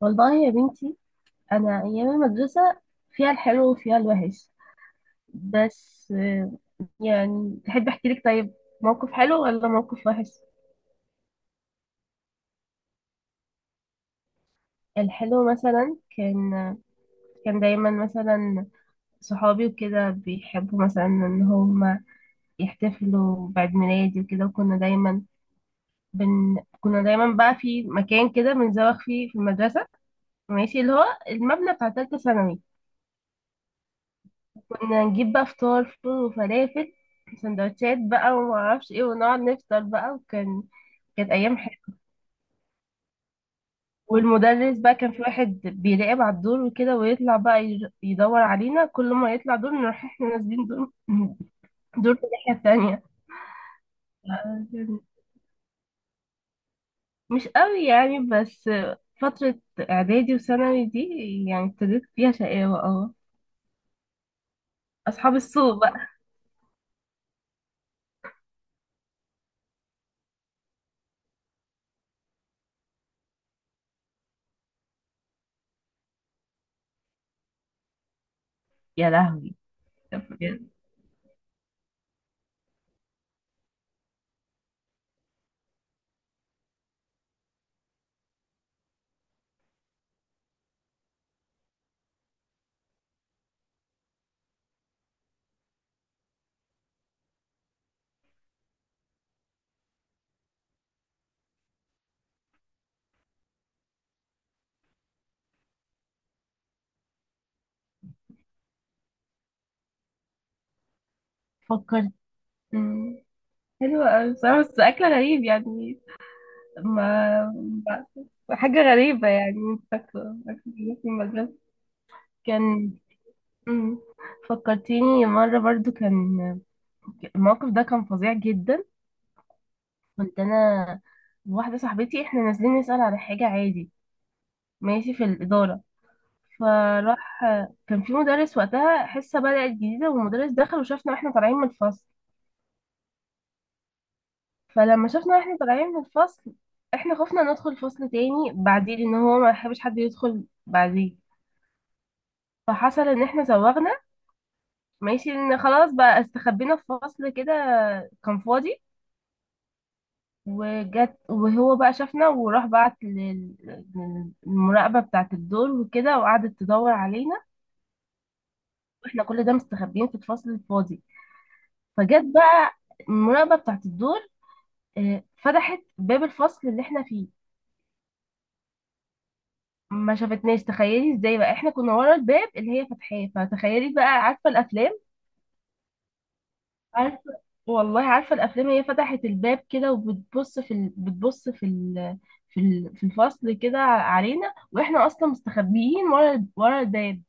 والله يا بنتي، انا ايام المدرسه فيها الحلو وفيها الوحش. بس يعني تحب احكي لك؟ طيب، موقف حلو ولا موقف وحش؟ الحلو مثلا كان دايما مثلا صحابي وكده بيحبوا مثلا ان هم يحتفلوا بعيد ميلادي وكده. وكنا دايما كنا دايما بقى في مكان كده بنزوغ فيه في المدرسه، ماشي، اللي هو المبنى بتاع تالتة ثانوي. كنا نجيب بقى فطار فول وفلافل سندوتشات بقى ومعرفش ايه ونقعد نفطر بقى، كانت ايام حلوه. والمدرس بقى كان في واحد بيراقب على الدور وكده ويطلع بقى يدور علينا، كل ما يطلع دور نروح احنا نازلين دور دور في الناحيه التانيه. كان- مش قوي يعني، بس فتره اعدادي وثانوي دي يعني ابتديت فيها شقاوه، اه. اصحاب السوق بقى. يا لهوي. بجد. فكرت. مم. حلوة أوي بصراحة، بس أكل غريب يعني. ما حاجة غريبة يعني، مش فاكرة فاكرة في المدرسة كان. مم. فكرتيني مرة برضو، الموقف ده كان فظيع جدا. كنت أنا وواحدة صاحبتي احنا نازلين نسأل على حاجة عادي، ماشي، في الإدارة. فراح كان في مدرس وقتها حصة بدأت جديدة، والمدرس دخل وشافنا واحنا طالعين من الفصل. فلما شافنا واحنا طالعين من الفصل، احنا خفنا ندخل فصل تاني بعديه لأن هو ما يحبش حد يدخل بعديه. فحصل ان احنا زوغنا، ماشي، ان خلاص بقى استخبينا في فصل كده كان فاضي. وجت، وهو بقى شافنا وراح بعت للمراقبة بتاعة الدور وكده، وقعدت تدور علينا واحنا كل ده مستخبيين في الفصل الفاضي. فجت بقى المراقبة بتاعة الدور، فتحت باب الفصل اللي احنا فيه، ما شافتناش. تخيلي ازاي بقى، احنا كنا ورا الباب اللي هي فتحاه، فتخيلي بقى، عارفة الافلام؟ عارفة؟ والله عارفة الأفلام، هي فتحت الباب كده وبتبص في ال... بتبص في ال... في ال... في الفصل كده علينا، وإحنا أصلا مستخبيين ورا ورا الباب.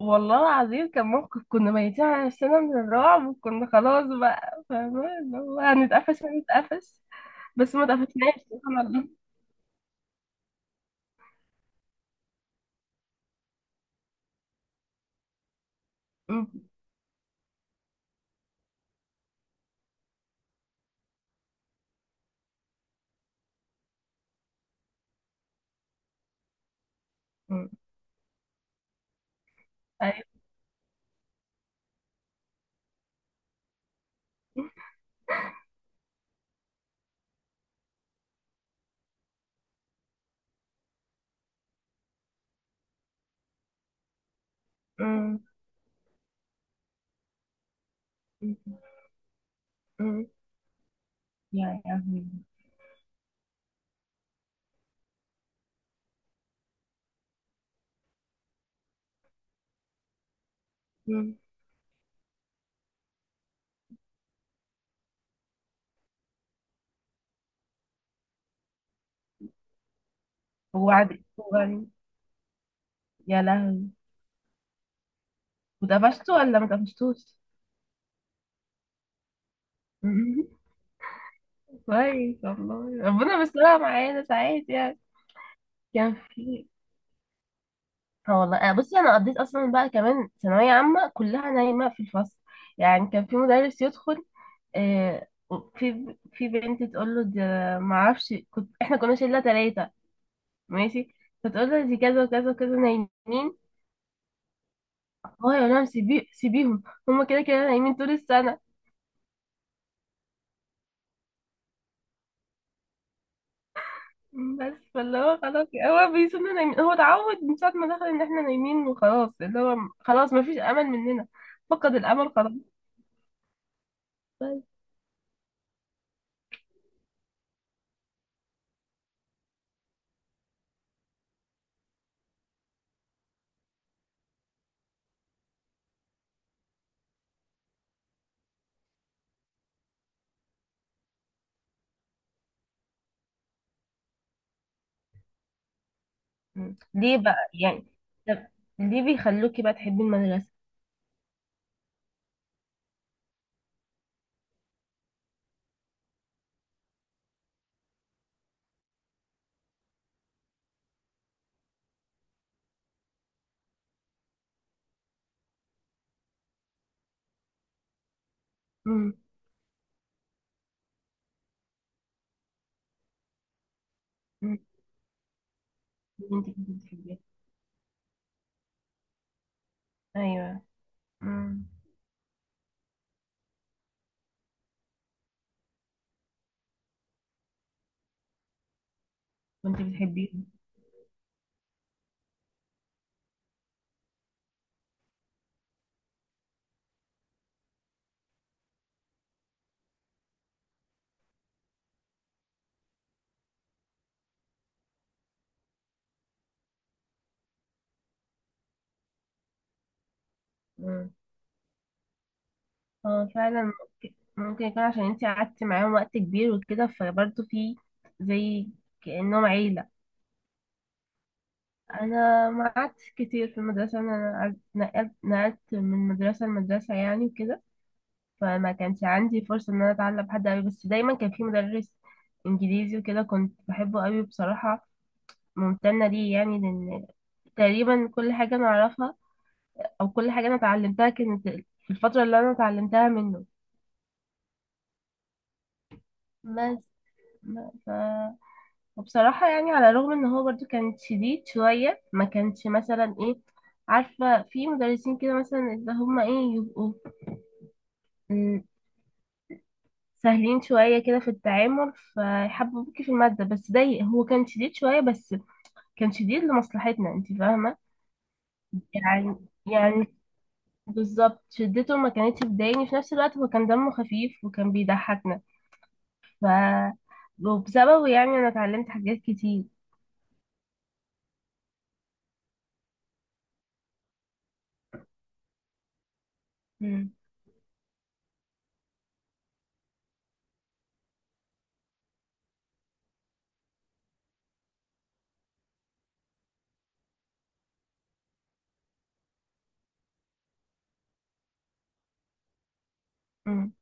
والله العظيم كان موقف كنا ميتين على نفسنا من الرعب، وكنا خلاص بقى فاهمة اللي هو هنتقفش هنتقفش. بس ما اتقفشناش، سبحان الله. م- م- أيوة. م- م- م- يا لهوي. م- وعد وعد- يا لهوي. واتقفشتوا ولا ما اتقفشتوش؟ كويس والله، ربنا بيسترها معانا ساعات يعني. كان في اه والله أنا بصي، انا قضيت اصلا بقى كمان ثانويه عامه كلها نايمه في الفصل. يعني كان في مدرس يدخل، آه في بنت تقول له ده، ما اعرفش، احنا كنا شله 3، ماشي، فتقول له دي كذا وكذا وكذا نايمين. هو يقول لهم سيبيهم، هم كده كده نايمين طول السنه. بس فاللي هو خلاص هو بيسيبنا نايمين، هو اتعود من ساعة ما دخل ان احنا نايمين، وخلاص اللي هو خلاص مفيش امل مننا، فقد الامل خلاص، بس. مم. ليه بقى يعني؟ طب ليه بيخلوكي بقى تحبي المدرسة؟ مم. مم. انت كنت بتحبيه؟ ايوه. مم. كنت بتحبيه؟ مم. هو فعلا ممكن، يكون عشان انت قعدتي معاهم وقت كبير وكده، فبرضه في زي، كأنهم عيلة. انا ما قعدتش كتير في المدرسه، انا نقلت من مدرسه لمدرسه يعني وكده. فما كانش عندي فرصه ان انا اتعلم حد قوي، بس دايما كان في مدرس انجليزي وكده، كنت بحبه قوي بصراحه. ممتنه ليه يعني، لان تقريبا كل حاجه انا اعرفها، او كل حاجه انا اتعلمتها كانت في الفتره اللي انا اتعلمتها منه. بس ما- ف... وبصراحه يعني، على الرغم ان هو برضو كان شديد شويه، ما كانش مثلا ايه، عارفة، في مدرسين كده مثلا اللي هما ايه يبقوا، م، سهلين شوية كده في التعامل، فيحببوك في المادة. بس ده هو كان شديد شوية، بس كان شديد لمصلحتنا، انت فاهمة. يعني يعني بالظبط شدته ما كانتش بتضايقني، في نفس الوقت هو كان دمه خفيف وكان بيضحكنا. ف وبسببه يعني انا اتعلمت حاجات كتير. مم. مم.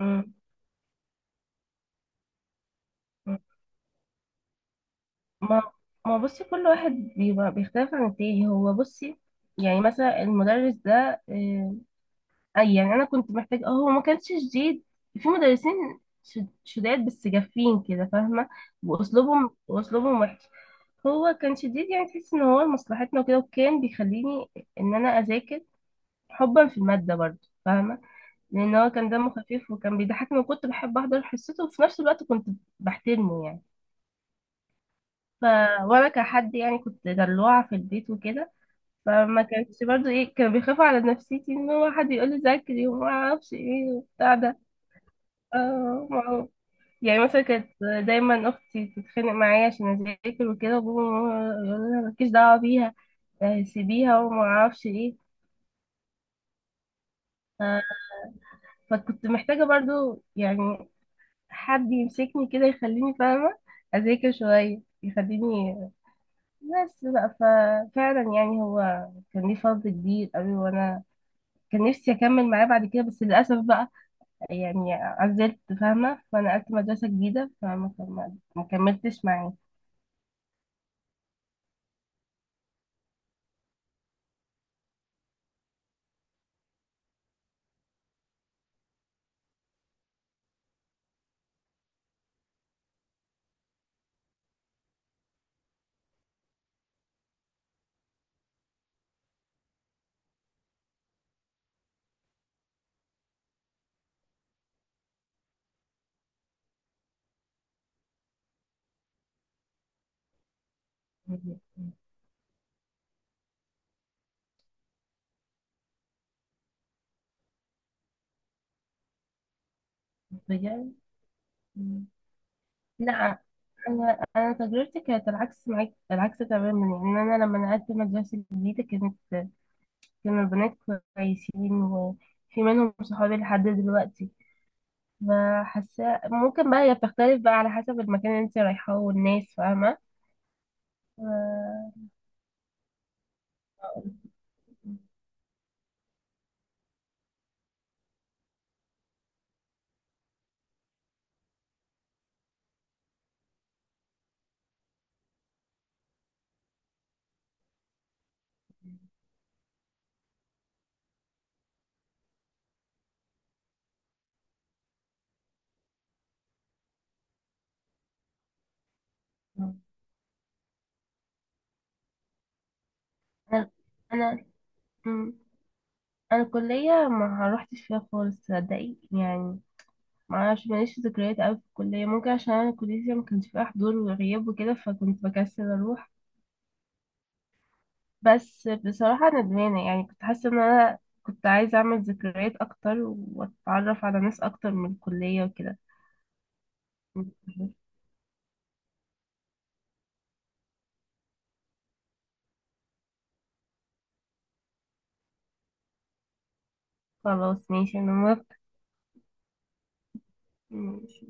مم. مم. ما ما بصي، كل واحد بيبقى بيختلف عن التاني. هو بصي، يعني مثلا المدرس ده، آه، اي يعني انا كنت محتاج، هو ما كانش شديد. في مدرسين شداد بس جافين كده، فاهمه، واسلوبهم وحش. هو كان شديد يعني، تحس ان هو لمصلحتنا وكده، وكان بيخليني ان انا اذاكر حبا في الماده برضه، فاهمه، لان هو كان دمه خفيف وكان بيضحكني وكنت بحب احضر حصته، وفي نفس الوقت كنت بحترمه يعني. ف وانا كحد يعني كنت دلوعه في البيت وكده، فما كانش برضه ايه، كان بيخاف على نفسيتي ان هو حد يقول لي ذاكري وما اعرفش ايه وبتاع ده. اه ما هو، يعني مثلا كانت دايما اختي تتخانق معايا عشان اذاكر وكده، وبابا وماما يقولوا لها مالكيش دعوه بيها، سيبيها وما اعرفش ايه. آه، فكنت محتاجه برضو يعني حد يمسكني كده يخليني فاهمه اذاكر شويه يخليني، بس بقى. ففعلا يعني هو كان ليه فضل كبير قوي، وانا كان نفسي اكمل معاه بعد كده، بس للاسف بقى يعني عزلت، فاهمه، فانا قعدت مدرسه جديده فما ما ما كملتش معاه. بجد. مم. لا انا، تجربتي كانت العكس معاك، العكس تماما يعني. انا لما نقلت مدرسه جديده، كانوا البنات كويسين، وفي منهم صحابي لحد دلوقتي. فحاسه ممكن بقى هي بتختلف بقى على حسب المكان اللي انت رايحاه والناس، فاهمه. ف- انا، انا مم. أنا الكليه ما روحتش فيها خالص، صدقي يعني، ما اعرفش، ماليش ذكريات قوي في الكليه، ممكن عشان انا كليتي ما كانش فيها حضور وغياب وكده، فكنت بكسل اروح. بس بصراحه ندمانه، يعني كنت حاسه ان انا كنت عايزه اعمل ذكريات اكتر واتعرف على ناس اكتر من الكليه وكده. خلاص ماشي، انا موافقه. ماشي.